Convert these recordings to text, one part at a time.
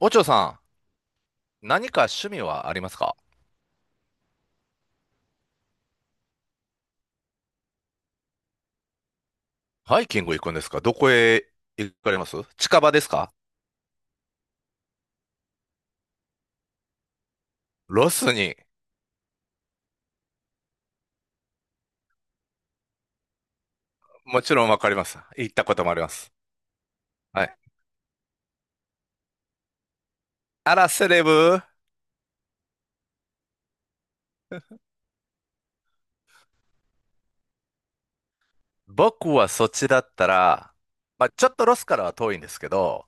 おちょさん、何か趣味はありますか？ハイキング行くんですか？どこへ行かれます？近場ですか？ロスに。もちろんわかります。行ったこともあります。はい。あら、セレブ。僕はそっちだったら、まあ、ちょっとロスからは遠いんですけど、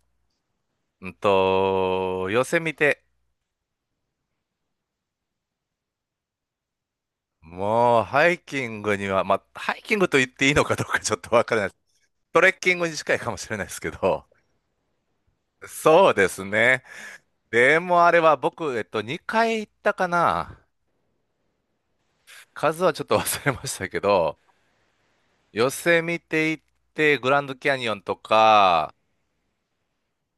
ヨセミテ。もう、ハイキングには、まあ、ハイキングと言っていいのかどうかちょっとわからないです。トレッキングに近いかもしれないですけど、そうですね。でもあれは僕、2回行ったかな。数はちょっと忘れましたけど、ヨセ見て行って、グランドキャニオンとか、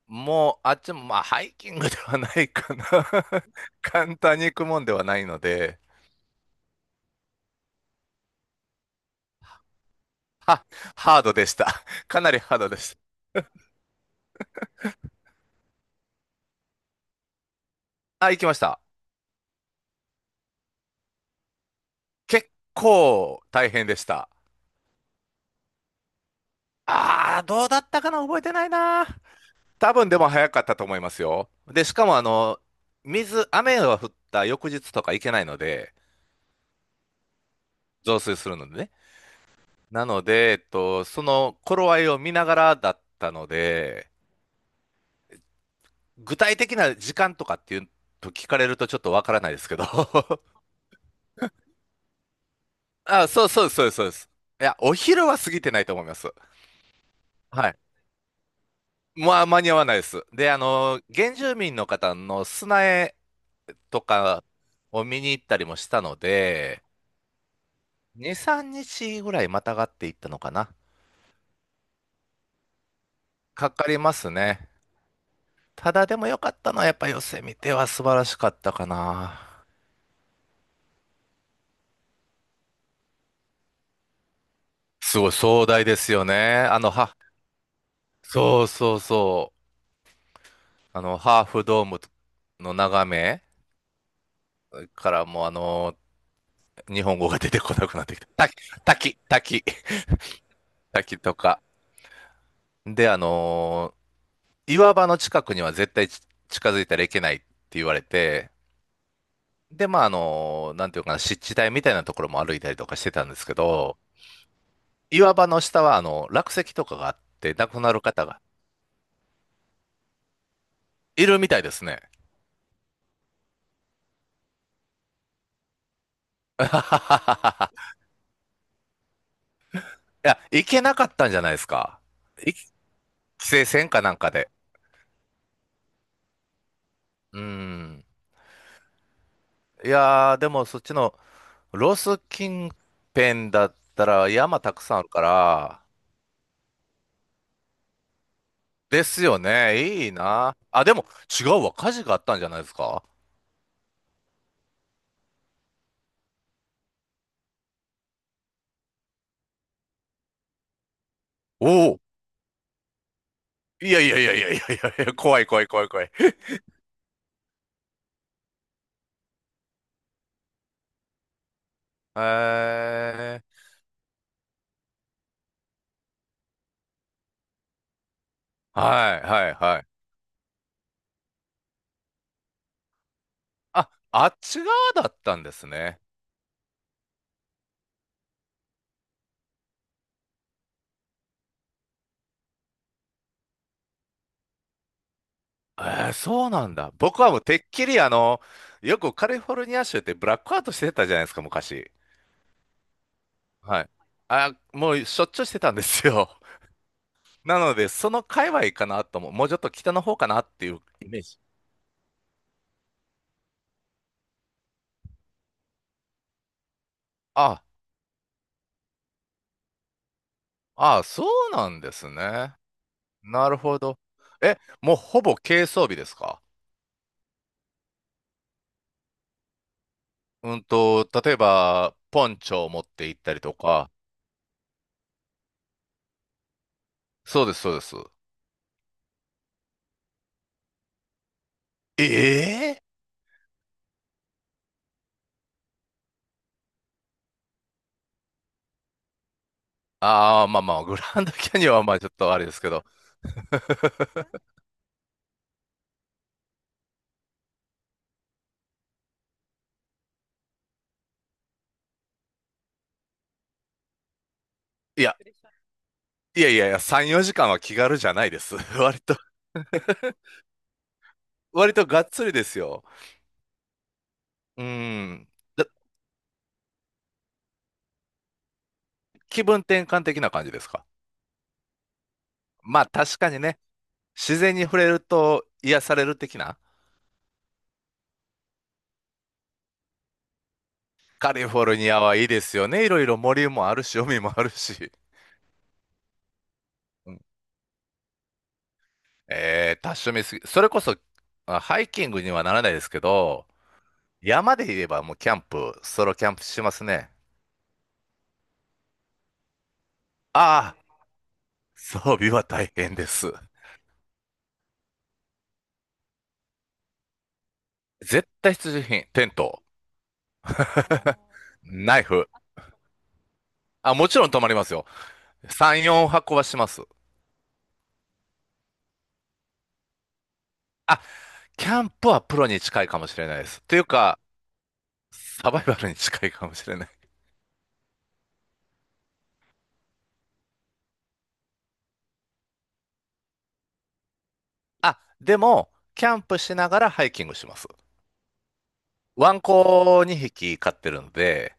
もう、あっちも、まあ、ハイキングではないかな。簡単に行くもんではないので、は、ハードでした。かなりハードでした。あ、行きました。結構大変でした。あー、どうだったかな覚えてないな。多分でも早かったと思いますよ。で、しかもあの、水、雨が降った翌日とか行けないので、増水するのでね。なので、その頃合いを見ながらだったので、具体的な時間とかっていうと聞かれるとちょっとわからないですけど。あ、そうそうですそうですそうです。いや、お昼は過ぎてないと思います。はい。まあ、間に合わないです。で、あの、原住民の方の砂絵とかを見に行ったりもしたので、2、3日ぐらいまたがっていったのかな。かかりますね。ただでも良かったのはやっぱヨセ見ては素晴らしかったかな。すごい壮大ですよね。そうそうそう。あの、ハーフドームの眺めからもうあの、日本語が出てこなくなってきた。滝、滝、滝、滝とか。で、あの、岩場の近くには絶対近づいたらいけないって言われて、で、まあ、あの、なんていうかな、湿地帯みたいなところも歩いたりとかしてたんですけど、岩場の下はあの、落石とかがあって亡くなる方がいるみたいですね。いや、行けなかったんじゃないですか。規制線かなんかで。うん。いやー、でもそっちのロス近辺だったら山たくさんあるから、ですよね。いいな。あ、でも違うわ。火事があったんじゃないですか。おお。いやいやいやいやいやいやいや、怖い怖い怖い怖い。えー、はいはいはい。あ、あっち側だったんですね。えー、そうなんだ。僕はもうてっきりあの、よくカリフォルニア州ってブラックアウトしてたじゃないですか、昔。はい。あ、もうしょっちゅうしてたんですよ。なので、その界隈かなとも、もうちょっと北の方かなっていうイメージ。あ、あ、そうなんですね。なるほど。え、もうほぼ軽装備ですか？例えば、ポンチョを持って行ったりとか。そうです、そうです。ええああー、まあまあ、グランドキャニオンはまあちょっとあれですけど。いや、いやいやいや、3、4時間は気軽じゃないです。割と、割とがっつりですよ。うん。だ気分転換的な感じですか？まあ確かにね、自然に触れると癒される的な。カリフォルニアはいいですよね。いろいろ森もあるし、海もあるし。うん多趣味すぎ。それこそ、あハイキングにはならないですけど、山で言えばもうキャンプ、ソロキャンプしますね。ああ、装備は大変です。絶対必需品、テント、ナイフ。あ、もちろん泊まりますよ。3、4泊はこはします。あ、キャンプはプロに近いかもしれないです。というか、サバイバルに近いかもしれない。あ、でも、キャンプしながらハイキングします。ワンコ2匹飼ってるんで、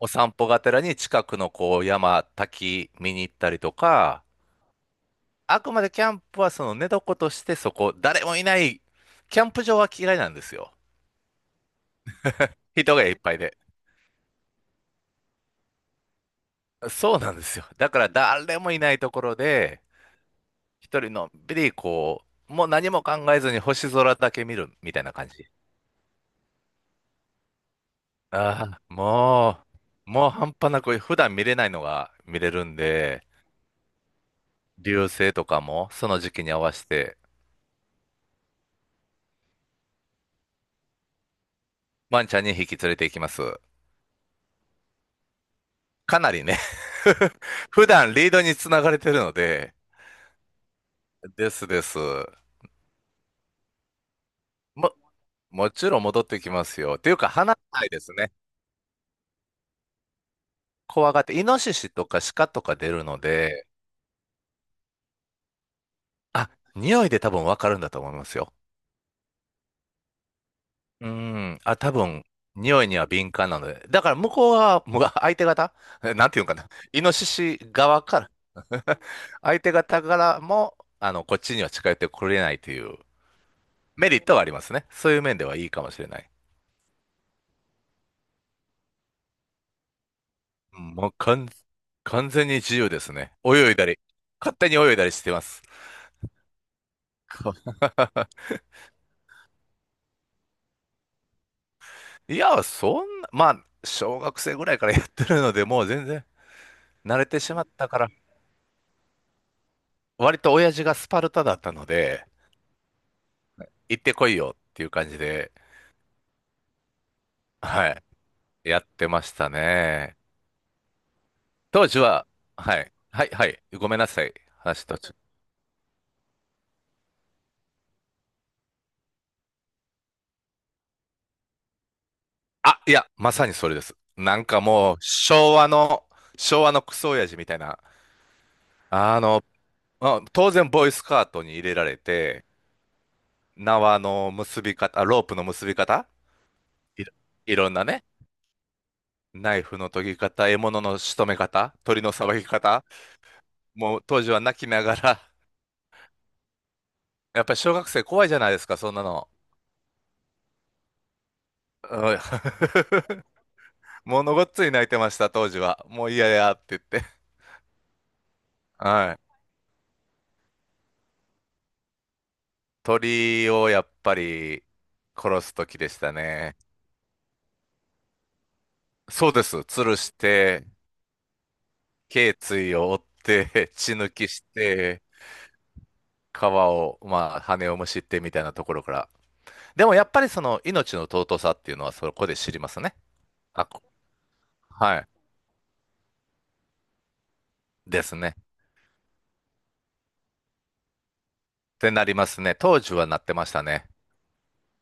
お散歩がてらに近くのこう山、滝見に行ったりとか、あくまでキャンプはその寝床としてそこ、誰もいない、キャンプ場は嫌いなんですよ。人がいっぱいで。そうなんですよ。だから誰もいないところで、一人のんびりこう、もう何も考えずに星空だけ見るみたいな感じ。ああ、もう半端なく普段見れないのが見れるんで、流星とかもその時期に合わせてワンちゃん引匹連れて行きます。かなりね 普段リードにつながれてるので、ですです。も、もちろん戻ってきますよ。っていうか離れないですね。怖がって、イノシシとかシカとか出るので、あ、匂いで多分わかるんだと思いますよ。うん。あ、多分、匂いには敏感なので。だから向こうは、む 相手方え なんていうのかな。イノシシ側から 相手方からも、あの、こっちには近寄ってこれないというメリットはありますね。そういう面ではいいかもしれない。うんもう完全に自由ですね。泳いだり、勝手に泳いだりしてます。いや、そんな、まあ、小学生ぐらいからやってるので、もう全然慣れてしまったから、割と親父がスパルタだったので、行ってこいよっていう感じで、はい、やってましたね。当時は、はい、はい、はい、ごめんなさい、話途中。あ、いや、まさにそれです。なんかもう、昭和のクソ親父みたいな、あの、まあ当然、ボーイスカートに入れられて、縄の結び方、ロープの結び方、いろいろんなね、ナイフの研ぎ方、獲物の仕留め方、鳥のさばき方、もう当時は泣きながら、やっぱり小学生怖いじゃないですか、そんなの。はい ものごっつい泣いてました、当時は。もう嫌やって言って。はい。鳥をやっぱり殺す時でしたね。そうです。吊るして、頸椎を折って、血抜きして、皮を、まあ、羽をむしってみたいなところから。でもやっぱりその命の尊さっていうのはそこで知りますね。あ、こはい。ですね。ってなりますね。当時はなってましたね。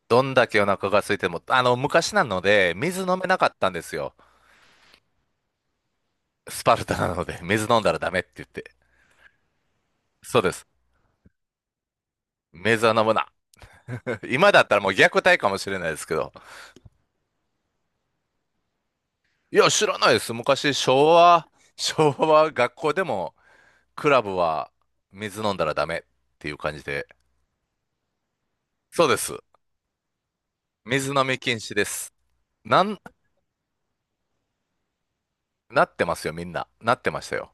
どんだけお腹が空いても、あの、昔なので、水飲めなかったんですよ。スパルタなので、水飲んだらダメって言って。そうです。水は飲むな。今だったらもう虐待かもしれないですけど。いや、知らないです。昔、昭和学校でも、クラブは水飲んだらダメっていう感じで。そうです。水飲み禁止です。なん、なってますよ、みんな。なってましたよ。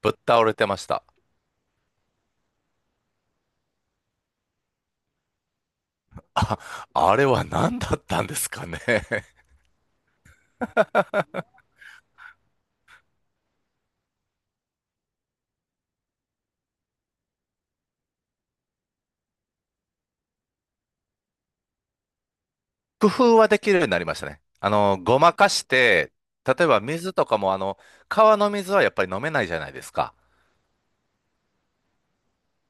ぶっ倒れてました。あ、あれは何だったんですかね。工夫はできるようになりましたね。あの、ごまかして、例えば水とかも、あの、川の水はやっぱり飲めないじゃないですか。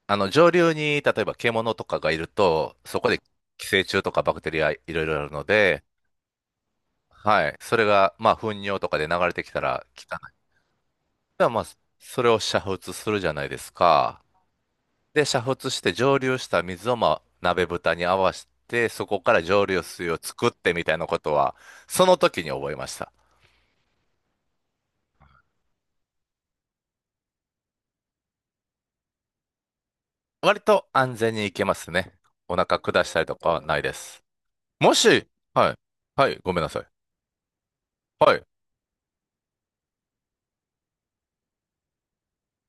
あの、上流に、例えば獣とかがいると、そこで寄生虫とかバクテリアいろいろあるので、はい。それが、まあ、糞尿とかで流れてきたら汚い。だからまあ、それを煮沸するじゃないですか。で、煮沸して蒸留した水を、まあ、鍋蓋に合わせて、そこから蒸留水を作ってみたいなことは、その時に覚えました。割と安全に行けますね。お腹下したりとかはないです。もし、はい。はい、ごめんなさい。はい。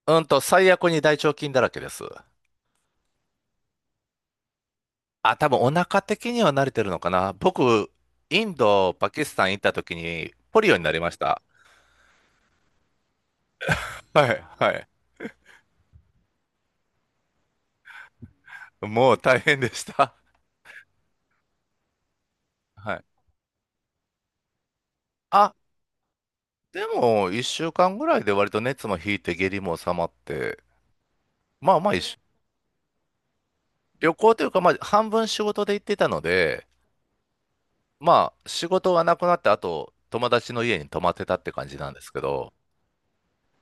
最悪に大腸菌だらけです。あ、多分お腹的には慣れてるのかな。僕、インド、パキスタン行った時にポリオになりました。はい、はい。もう大変でした。はい。あ、でも、1週間ぐらいで割と熱も引いて下痢も収まって、まあまあ一緒、旅行というか、まあ半分仕事で行ってたので、まあ、仕事がなくなって、あと、友達の家に泊まってたって感じなんですけど、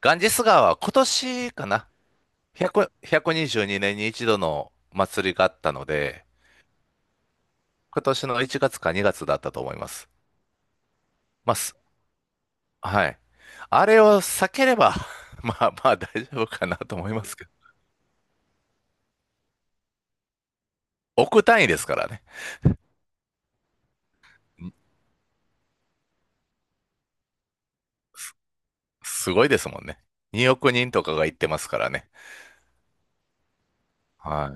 ガンジス川は今年かな、100、122年にじゅうにねんに一度の祭りがあったので、今年の1月か2月だったと思います。まあ、すはい。あれを避ければ まあまあ大丈夫かなと思いますけど。億単位ですからね。んすごいですもんね。2億人とかが行ってますからね。は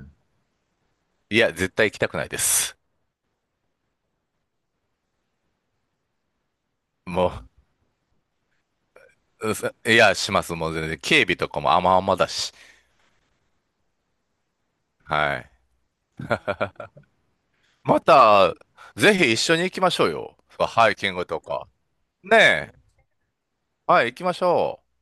い。いや、絶対行きたくないです。もう、いや、します。もう全然。警備とかも甘々だし。はい。また、ぜひ一緒に行きましょうよ。ハイキングとか。ねえ。はい、行きましょう。